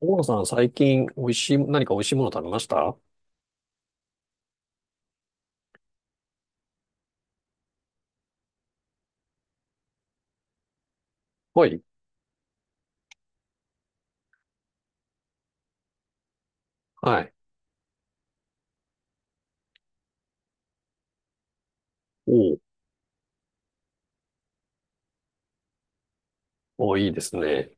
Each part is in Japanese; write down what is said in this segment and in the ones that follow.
大野さん、最近、美味しい、何か美味しいもの食べました？はい。はい。おう。おう、いいですね。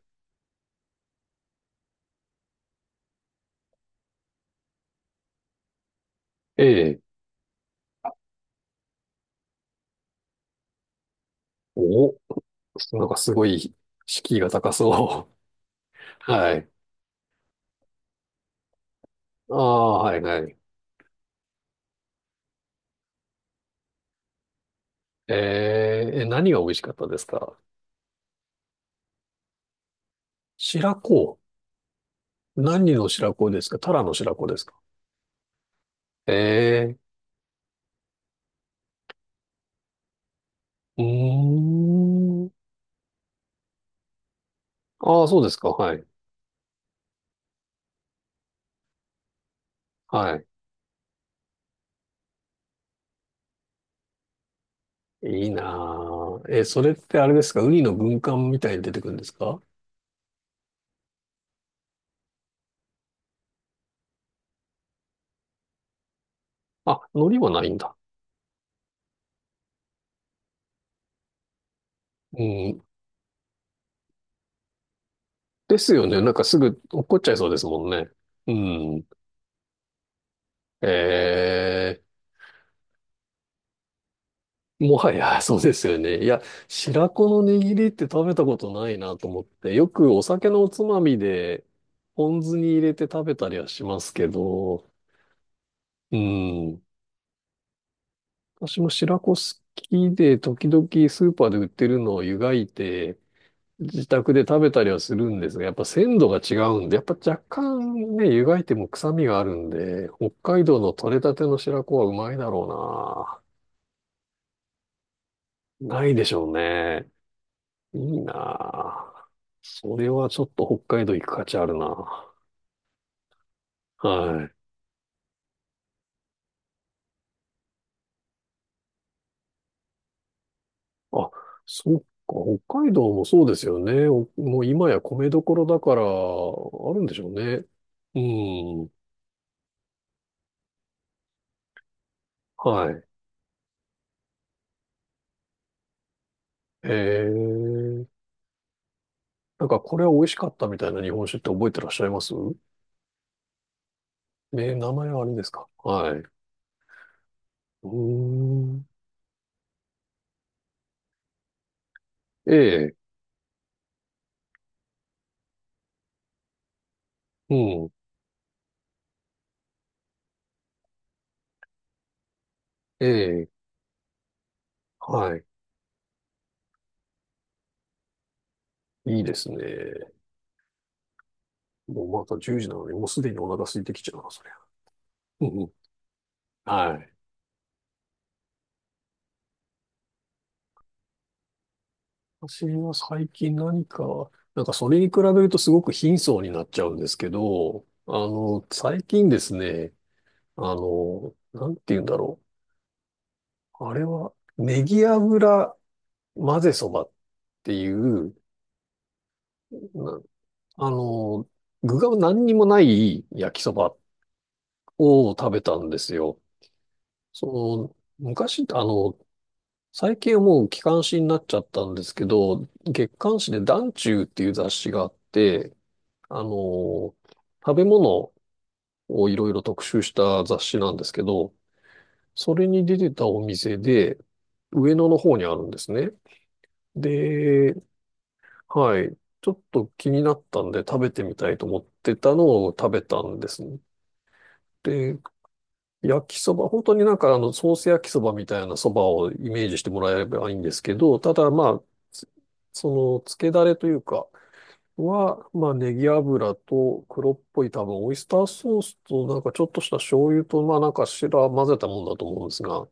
ええ。お、なんかすごい、敷居が高そう。はい。ああ、はい、はい。ええ、え、何が美味しかったですか？白子。何の白子ですか？タラの白子ですか？ええ。うーん。ああ、そうですか。はい。はい。いいなあ。え、それってあれですか、ウニの軍艦みたいに出てくるんですか？あ、海苔はないんだ。うん、ですよね。なんかすぐ落っこっちゃいそうですもんね。うん。えー、もはや、そうですよね。いや、白子の握りって食べたことないなと思って、よくお酒のおつまみで、ポン酢に入れて食べたりはしますけど、うん。私も白子好きで、時々スーパーで売ってるのを湯がいて、自宅で食べたりはするんですが、やっぱ鮮度が違うんで、やっぱ若干ね、湯がいても臭みがあるんで、北海道の採れたての白子はうまいだろうな。ないでしょうね。いいな。それはちょっと北海道行く価値あるな。はい。あ、そっか。北海道もそうですよね。おもう今や米どころだから、あるんでしょうね。うん。はい。へえ。なんかこれは美味しかったみたいな日本酒って覚えてらっしゃいます？えー、名前はあるんですか？はい。うーん。ええ、うん。ええ、はい。いいですね。もうまた10時なのに、もうすでにお腹空いてきちゃうな、そりゃ。うんうん。はい。私は最近何か、なんかそれに比べるとすごく貧相になっちゃうんですけど、最近ですね、なんて言うんだろう。あれは、ネギ油混ぜそばっていう、な、あの、具が何にもない焼きそばを食べたんですよ。その、昔、最近はもう機関誌になっちゃったんですけど、月刊誌で団中っていう雑誌があって、あの、食べ物をいろいろ特集した雑誌なんですけど、それに出てたお店で、上野の方にあるんですね。で、はい。ちょっと気になったんで食べてみたいと思ってたのを食べたんです。で、焼きそば、本当になんかソース焼きそばみたいなそばをイメージしてもらえればいいんですけど、ただまあ、つ、その、つけだれというか、は、まあ、ネギ油と黒っぽい多分、オイスターソースとなんかちょっとした醤油と、まあなんか白混ぜたもんだと思うんですが、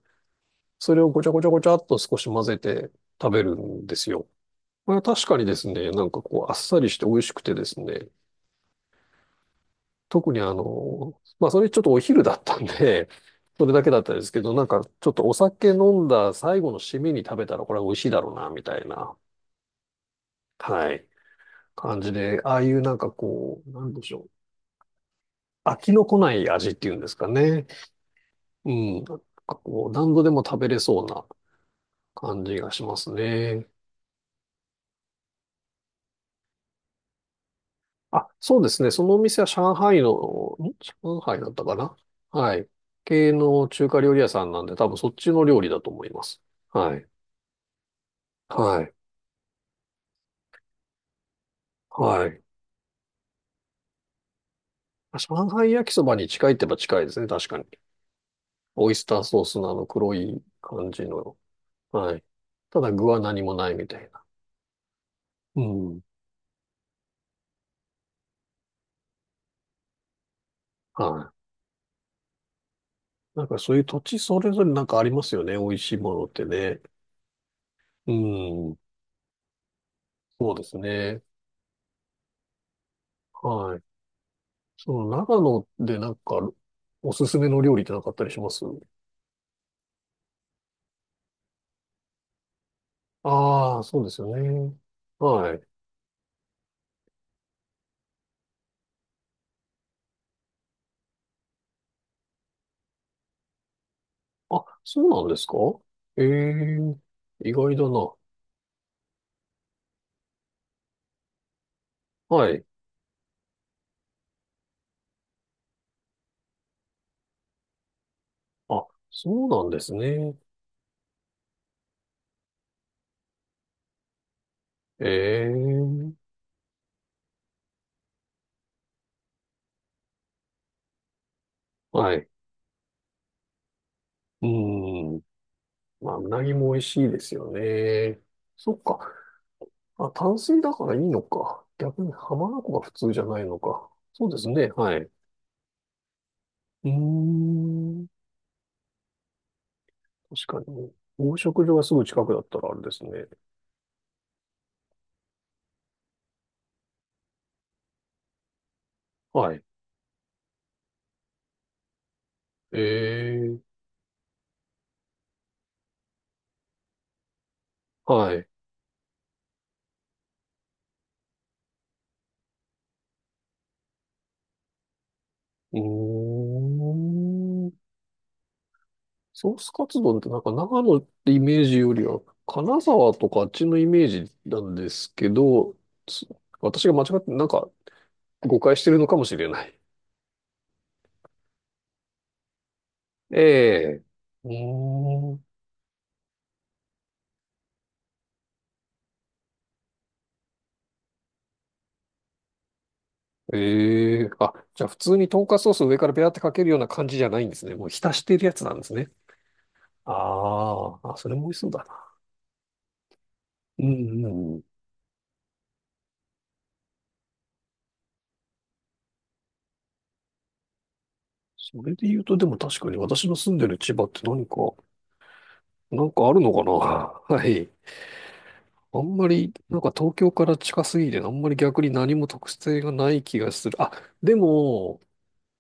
それをごちゃごちゃごちゃっと少し混ぜて食べるんですよ。これは確かにですね、なんかこう、あっさりして美味しくてですね、特にまあそれちょっとお昼だったんで、それだけだったんですけど、なんかちょっとお酒飲んだ最後の締めに食べたらこれは美味しいだろうな、みたいな、はい、感じで、ああいうなんかこう、なんでしょう。飽きのこない味っていうんですかね。うん。なんかこう、何度でも食べれそうな感じがしますね。あ、そうですね。そのお店は上海の、ん、上海だったかな？はい。系の中華料理屋さんなんで、多分そっちの料理だと思います。はい。はい。はい。上海焼きそばに近いって言えば近いですね、確かに。オイスターソースのあの黒い感じの。はい。ただ具は何もないみたいな。うん。はい。なんかそういう土地それぞれなんかありますよね、美味しいものってね。うん。そうですね。はい。その長野でなんかおすすめの料理ってなかったりします？ああー、そうですよね。はい。あ、そうなんですか？ええ。意外だな。はい。あ、そうなんですね。ええ。はい。うん。まあ、うなぎも美味しいですよね。そっか。あ、淡水だからいいのか。逆に浜名湖が普通じゃないのか。そうですね。はい。うーん。確かに。養殖場がすぐ近くだったらあれですね。はい。ええ。はい。うーん。ソースカツ丼ってなんか長野ってイメージよりは、金沢とかあっちのイメージなんですけど、す、私が間違って、なんか、誤解してるのかもしれない。ええ。うーん。ええ。あ、じゃあ普通にトンカツソースを上からペラってかけるような感じじゃないんですね。もう浸してるやつなんですね。あー、あ、それも美味しそうだな。うんうんうん。それで言うと、でも確かに私の住んでる千葉って何か、なんかあるのかな？はい。あんまり、なんか東京から近すぎて、あんまり逆に何も特性がない気がする。あ、でも、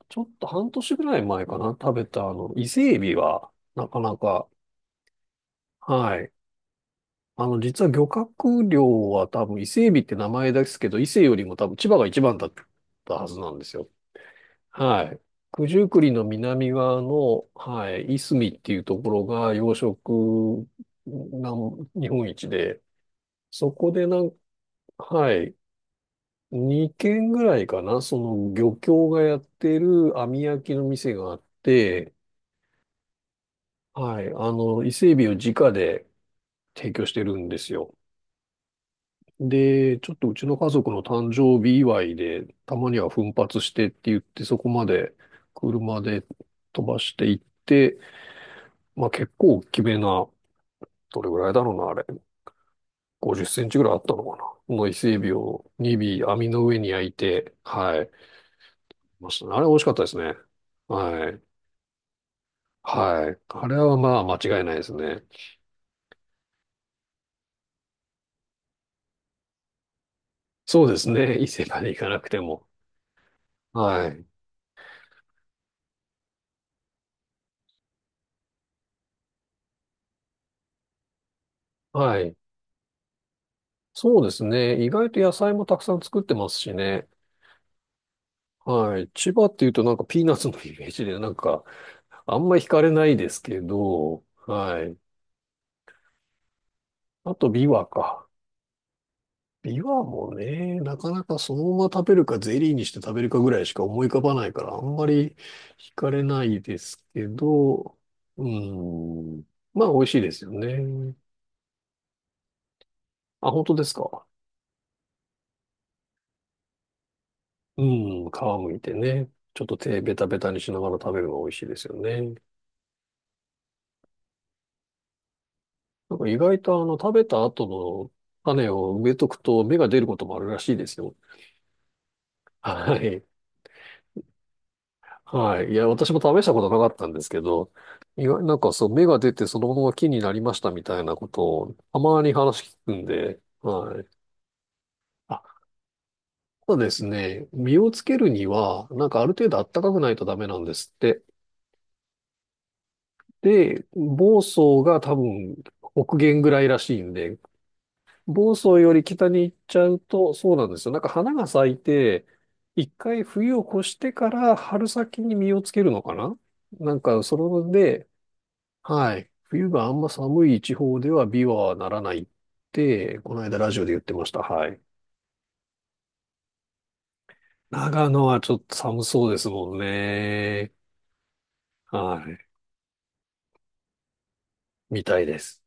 ちょっと半年ぐらい前かな、食べたあの、伊勢エビは、なかなか、はい。実は漁獲量は多分伊勢海老って名前ですけど、伊勢よりも多分千葉が一番だったはずなんですよ。はい。九十九里の南側の、はい、いすみっていうところが養殖なん日本一で、そこでなん、はい、2軒ぐらいかな、その漁協がやってる網焼きの店があって、はい、伊勢海老を直で提供してるんですよ。で、ちょっとうちの家族の誕生日祝いで、たまには奮発してって言って、そこまで車で飛ばしていって、まあ結構大きめな、どれぐらいだろうな、あれ。50センチぐらいあったのかな。の伊勢海老を2尾網の上に焼いて、はい。ましたね。あれ美味しかったですね。はい。はい。あれはまあ間違いないですね。そうですね。伊勢まで行かなくても。はい。はい。そうですね。意外と野菜もたくさん作ってますしね。はい。千葉っていうとなんかピーナッツのイメージでなんかあんま惹かれないですけど、はい。あとビワか。ビワもね、なかなかそのまま食べるかゼリーにして食べるかぐらいしか思い浮かばないからあんまり惹かれないですけど、うん。まあ美味しいですよね。あ、本当ですか？うん。皮むいてね。ちょっと手ベタベタにしながら食べるのが美味しいですよね。なんか意外とあの、食べた後の種を植えとくと芽が出ることもあるらしいですよ。はい。はい。いや、私も試したことなかったんですけど、意外、なんかそう、芽が出てそのまま木になりましたみたいなことを、たまに話聞くんで、はい。あ、ただですね、実をつけるには、なんかある程度暖かくないとダメなんですって。で、房総が多分北限ぐらいらしいんで、房総より北に行っちゃうと、そうなんですよ。なんか花が咲いて、一回冬を越してから春先に実をつけるのかな。なんか、それで、はい。冬があんま寒い地方では美はならないって、この間ラジオで言ってました。はい。長野はちょっと寒そうですもんね。はい。みたいです。